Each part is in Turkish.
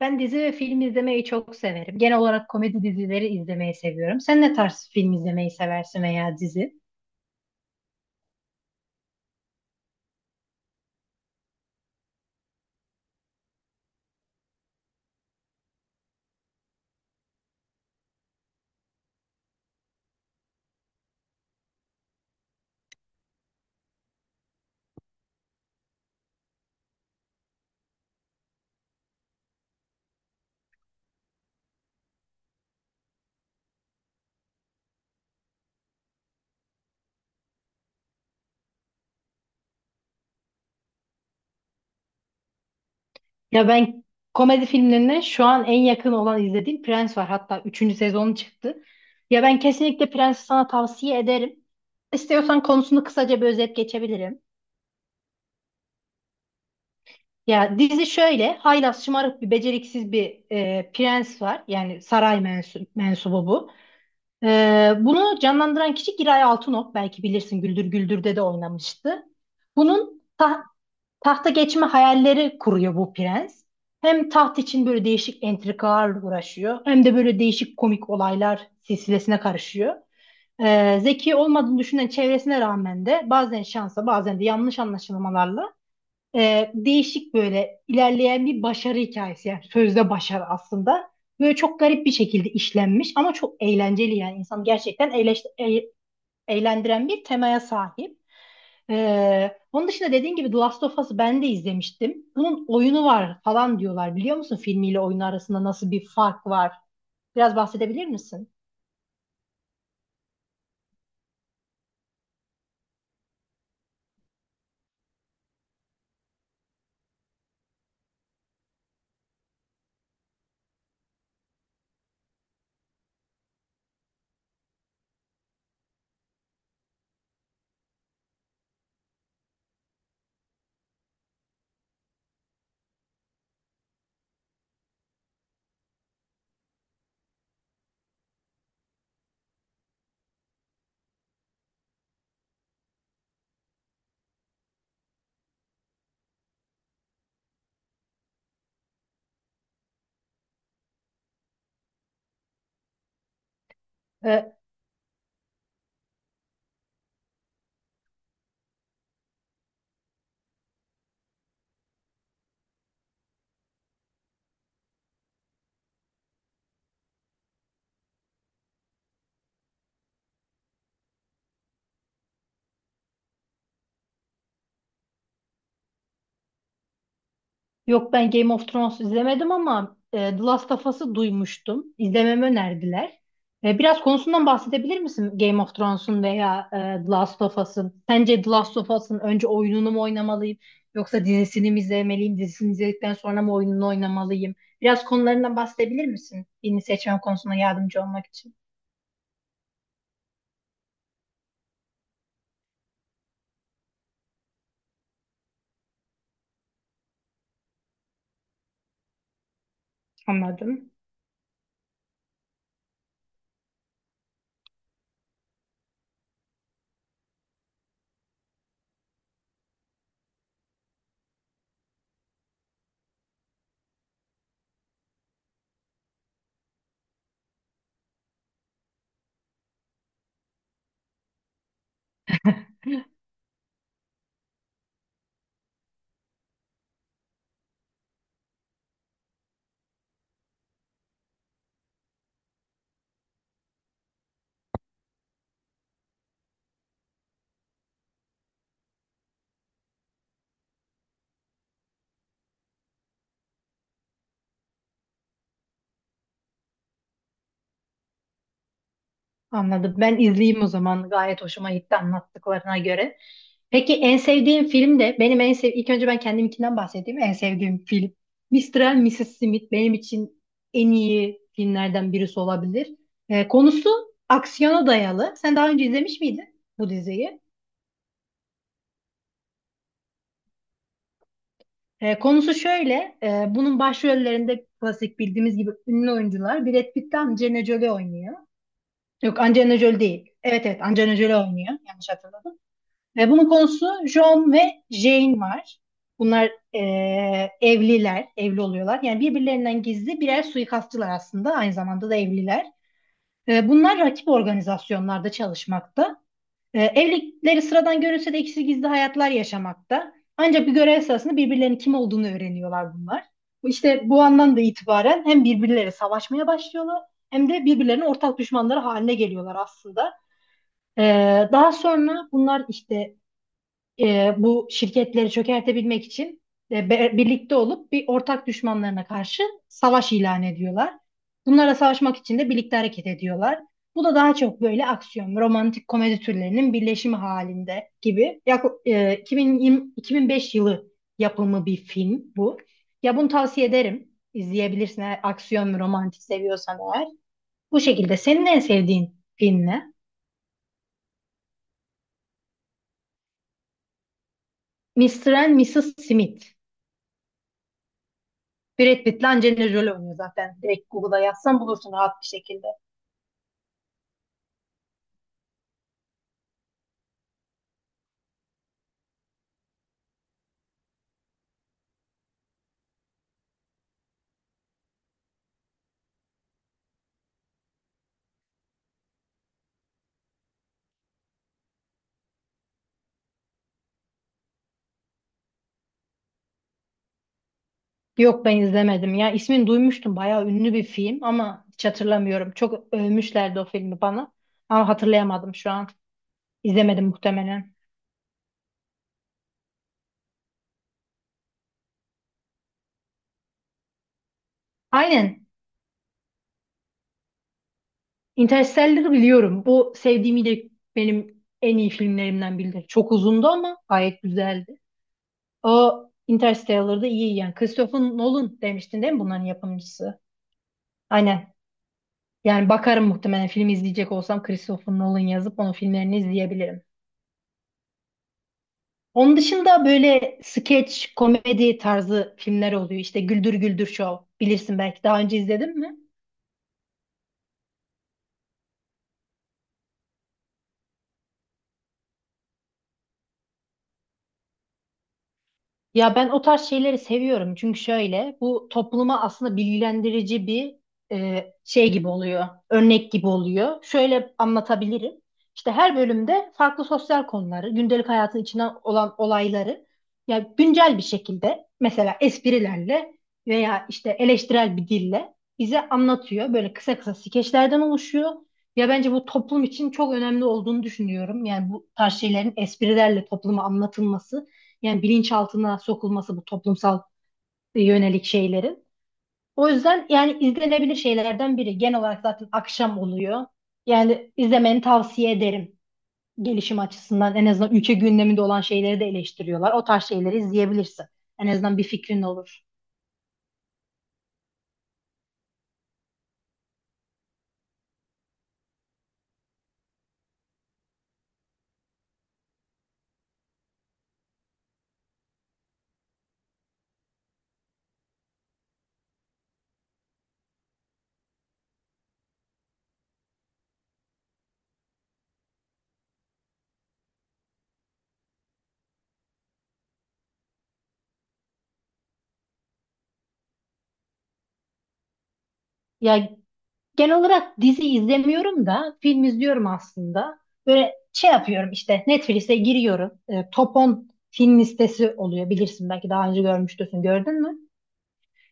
Ben dizi ve film izlemeyi çok severim. Genel olarak komedi dizileri izlemeyi seviyorum. Sen ne tarz film izlemeyi seversin veya dizi? Ya ben komedi filmlerine şu an en yakın olan izlediğim Prens var. Hatta üçüncü sezonu çıktı. Ya ben kesinlikle Prens'i sana tavsiye ederim. İstiyorsan konusunu kısaca bir özet geçebilirim. Ya dizi şöyle, haylaz, şımarık beceriksiz bir prens var. Yani mensubu bu. Bunu canlandıran kişi Giray Altınok. Belki bilirsin Güldür Güldür'de de oynamıştı. Bunun ta- Tahta geçme hayalleri kuruyor bu prens. Hem taht için böyle değişik entrikalarla uğraşıyor hem de böyle değişik komik olaylar silsilesine karışıyor. Zeki olmadığını düşünen çevresine rağmen de bazen şansa bazen de yanlış anlaşılmalarla değişik böyle ilerleyen bir başarı hikayesi, yani sözde başarı aslında. Böyle çok garip bir şekilde işlenmiş ama çok eğlenceli, yani insanı gerçekten eğlendiren bir temaya sahip. Onun dışında dediğin gibi The Last of Us'ı ben de izlemiştim. Bunun oyunu var falan diyorlar, biliyor musun? Filmiyle oyunu arasında nasıl bir fark var? Biraz bahsedebilir misin? Ee, Yok, ben Game of Thrones izlemedim ama The Last of Us'ı duymuştum. İzlememi önerdiler. Biraz konusundan bahsedebilir misin Game of Thrones'un veya The Last of Us'ın? Sence The Last of Us'ın önce oyununu mu oynamalıyım yoksa dizisini mi izlemeliyim? Dizisini izledikten sonra mı oyununu oynamalıyım? Biraz konularından bahsedebilir misin? Birini seçmem konusuna yardımcı olmak için. Anladım. Anladım. Ben izleyeyim o zaman. Gayet hoşuma gitti anlattıklarına göre. Peki en sevdiğim film de benim en sev ilk önce ben kendimkinden bahsedeyim. En sevdiğim film Mr. and Mrs. Smith benim için en iyi filmlerden birisi olabilir. Konusu aksiyona dayalı. Sen daha önce izlemiş miydin bu diziyi? Konusu şöyle. Bunun başrollerinde klasik bildiğimiz gibi ünlü oyuncular Brad Pitt ile Angelina Jolie oynuyor. Yok, Angelina Jolie değil. Evet, evet, Angelina Jolie oynuyor. Yanlış hatırlamıyorum. Ve bunun konusu, John ve Jane var. Bunlar evli oluyorlar. Yani birbirlerinden gizli birer suikastçılar aslında. Aynı zamanda da evliler. Bunlar rakip organizasyonlarda çalışmakta. Evlilikleri sıradan görünse de ikisi gizli hayatlar yaşamakta. Ancak bir görev sırasında birbirlerinin kim olduğunu öğreniyorlar bunlar. İşte bu andan da itibaren hem birbirleriyle savaşmaya başlıyorlar hem de birbirlerinin ortak düşmanları haline geliyorlar aslında. Daha sonra bunlar işte bu şirketleri çökertebilmek için birlikte olup bir ortak düşmanlarına karşı savaş ilan ediyorlar. Bunlara savaşmak için de birlikte hareket ediyorlar. Bu da daha çok böyle aksiyon ve romantik komedi türlerinin birleşimi halinde gibi. Yak e, 2020 2005 yılı yapımı bir film bu. Ya bunu tavsiye ederim. İzleyebilirsin eğer aksiyon ve romantik seviyorsan eğer. Bu şekilde senin en sevdiğin film ne? Mr. and Mrs. Smith. Brad Pitt'le Angelina Jolie oynuyor zaten. Direkt Google'a yazsan bulursun rahat bir şekilde. Yok, ben izlemedim. Ya, ismini duymuştum. Bayağı ünlü bir film ama hiç hatırlamıyorum. Çok övmüşlerdi o filmi bana. Ama hatırlayamadım şu an. İzlemedim muhtemelen. Aynen. Interstellar'ı biliyorum. Bu sevdiğimi de benim en iyi filmlerimden biridir. Çok uzundu ama gayet güzeldi. O Interstellar'da iyi yani. Christopher Nolan demiştin değil mi bunların yapımcısı? Aynen. Yani bakarım, muhtemelen film izleyecek olsam Christopher Nolan yazıp onun filmlerini izleyebilirim. Onun dışında böyle skeç, komedi tarzı filmler oluyor. İşte Güldür Güldür Show. Bilirsin belki, daha önce izledin mi? Ya ben o tarz şeyleri seviyorum çünkü şöyle, bu topluma aslında bilgilendirici bir şey gibi oluyor, örnek gibi oluyor. Şöyle anlatabilirim. İşte her bölümde farklı sosyal konuları, gündelik hayatın içinden olan olayları ya güncel bir şekilde mesela esprilerle veya işte eleştirel bir dille bize anlatıyor. Böyle kısa kısa skeçlerden oluşuyor. Ya bence bu toplum için çok önemli olduğunu düşünüyorum. Yani bu tarz şeylerin esprilerle topluma anlatılması. Yani bilinçaltına sokulması bu toplumsal yönelik şeylerin. O yüzden yani izlenebilir şeylerden biri. Genel olarak zaten akşam oluyor. Yani izlemeni tavsiye ederim. Gelişim açısından en azından ülke gündeminde olan şeyleri de eleştiriyorlar. O tarz şeyleri izleyebilirsin. En azından bir fikrin olur. Ya genel olarak dizi izlemiyorum da film izliyorum aslında. Böyle şey yapıyorum, işte Netflix'e giriyorum. E, Top 10 film listesi oluyor, bilirsin belki, daha önce görmüştürsün, gördün mü?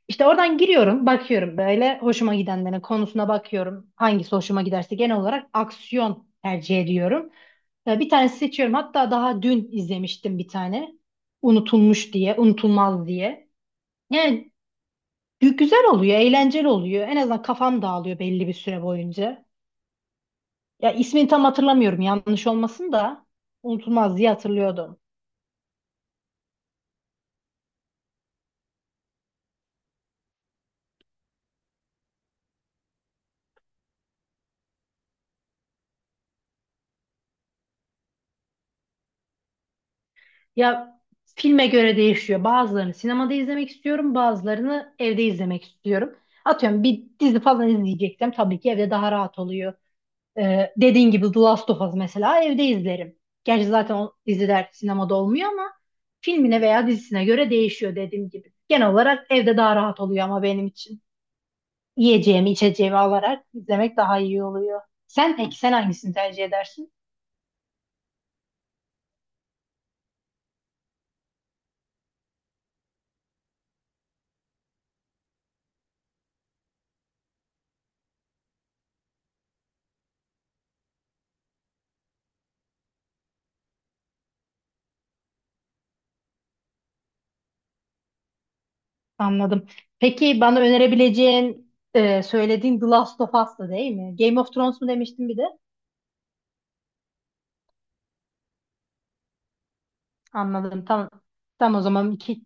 İşte oradan giriyorum, bakıyorum böyle hoşuma gidenlerin konusuna bakıyorum. Hangisi hoşuma giderse genel olarak aksiyon tercih ediyorum. Bir tanesi seçiyorum. Hatta daha dün izlemiştim bir tane. Unutulmuş diye, unutulmaz diye. Yani güzel oluyor, eğlenceli oluyor. En azından kafam dağılıyor belli bir süre boyunca. Ya ismini tam hatırlamıyorum, yanlış olmasın da unutulmaz diye hatırlıyordum. Ya filme göre değişiyor. Bazılarını sinemada izlemek istiyorum, bazılarını evde izlemek istiyorum. Atıyorum bir dizi falan izleyeceksem tabii ki evde daha rahat oluyor. Dediğin gibi The Last of Us mesela evde izlerim. Gerçi zaten o diziler sinemada olmuyor ama filmine veya dizisine göre değişiyor dediğim gibi. Genel olarak evde daha rahat oluyor ama benim için. Yiyeceğimi, içeceğimi alarak izlemek daha iyi oluyor. Peki sen hangisini tercih edersin? Anladım. Peki bana önerebileceğin söylediğin The Last of Us'tı değil mi? Game of Thrones mu demiştin bir de? Anladım. Tamam. Tamam o zaman iki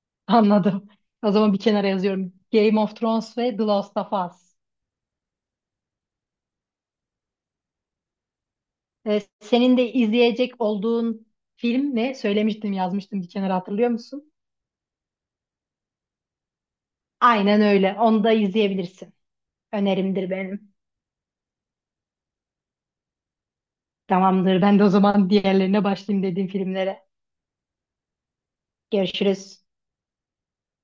anladım. O zaman bir kenara yazıyorum. Game of Thrones ve The Last of Us. E, senin de izleyecek olduğun film ne? Söylemiştim, yazmıştım bir kenara, hatırlıyor musun? Aynen öyle. Onu da izleyebilirsin. Önerimdir benim. Tamamdır. Ben de o zaman diğerlerine başlayayım, dediğim filmlere. Görüşürüz.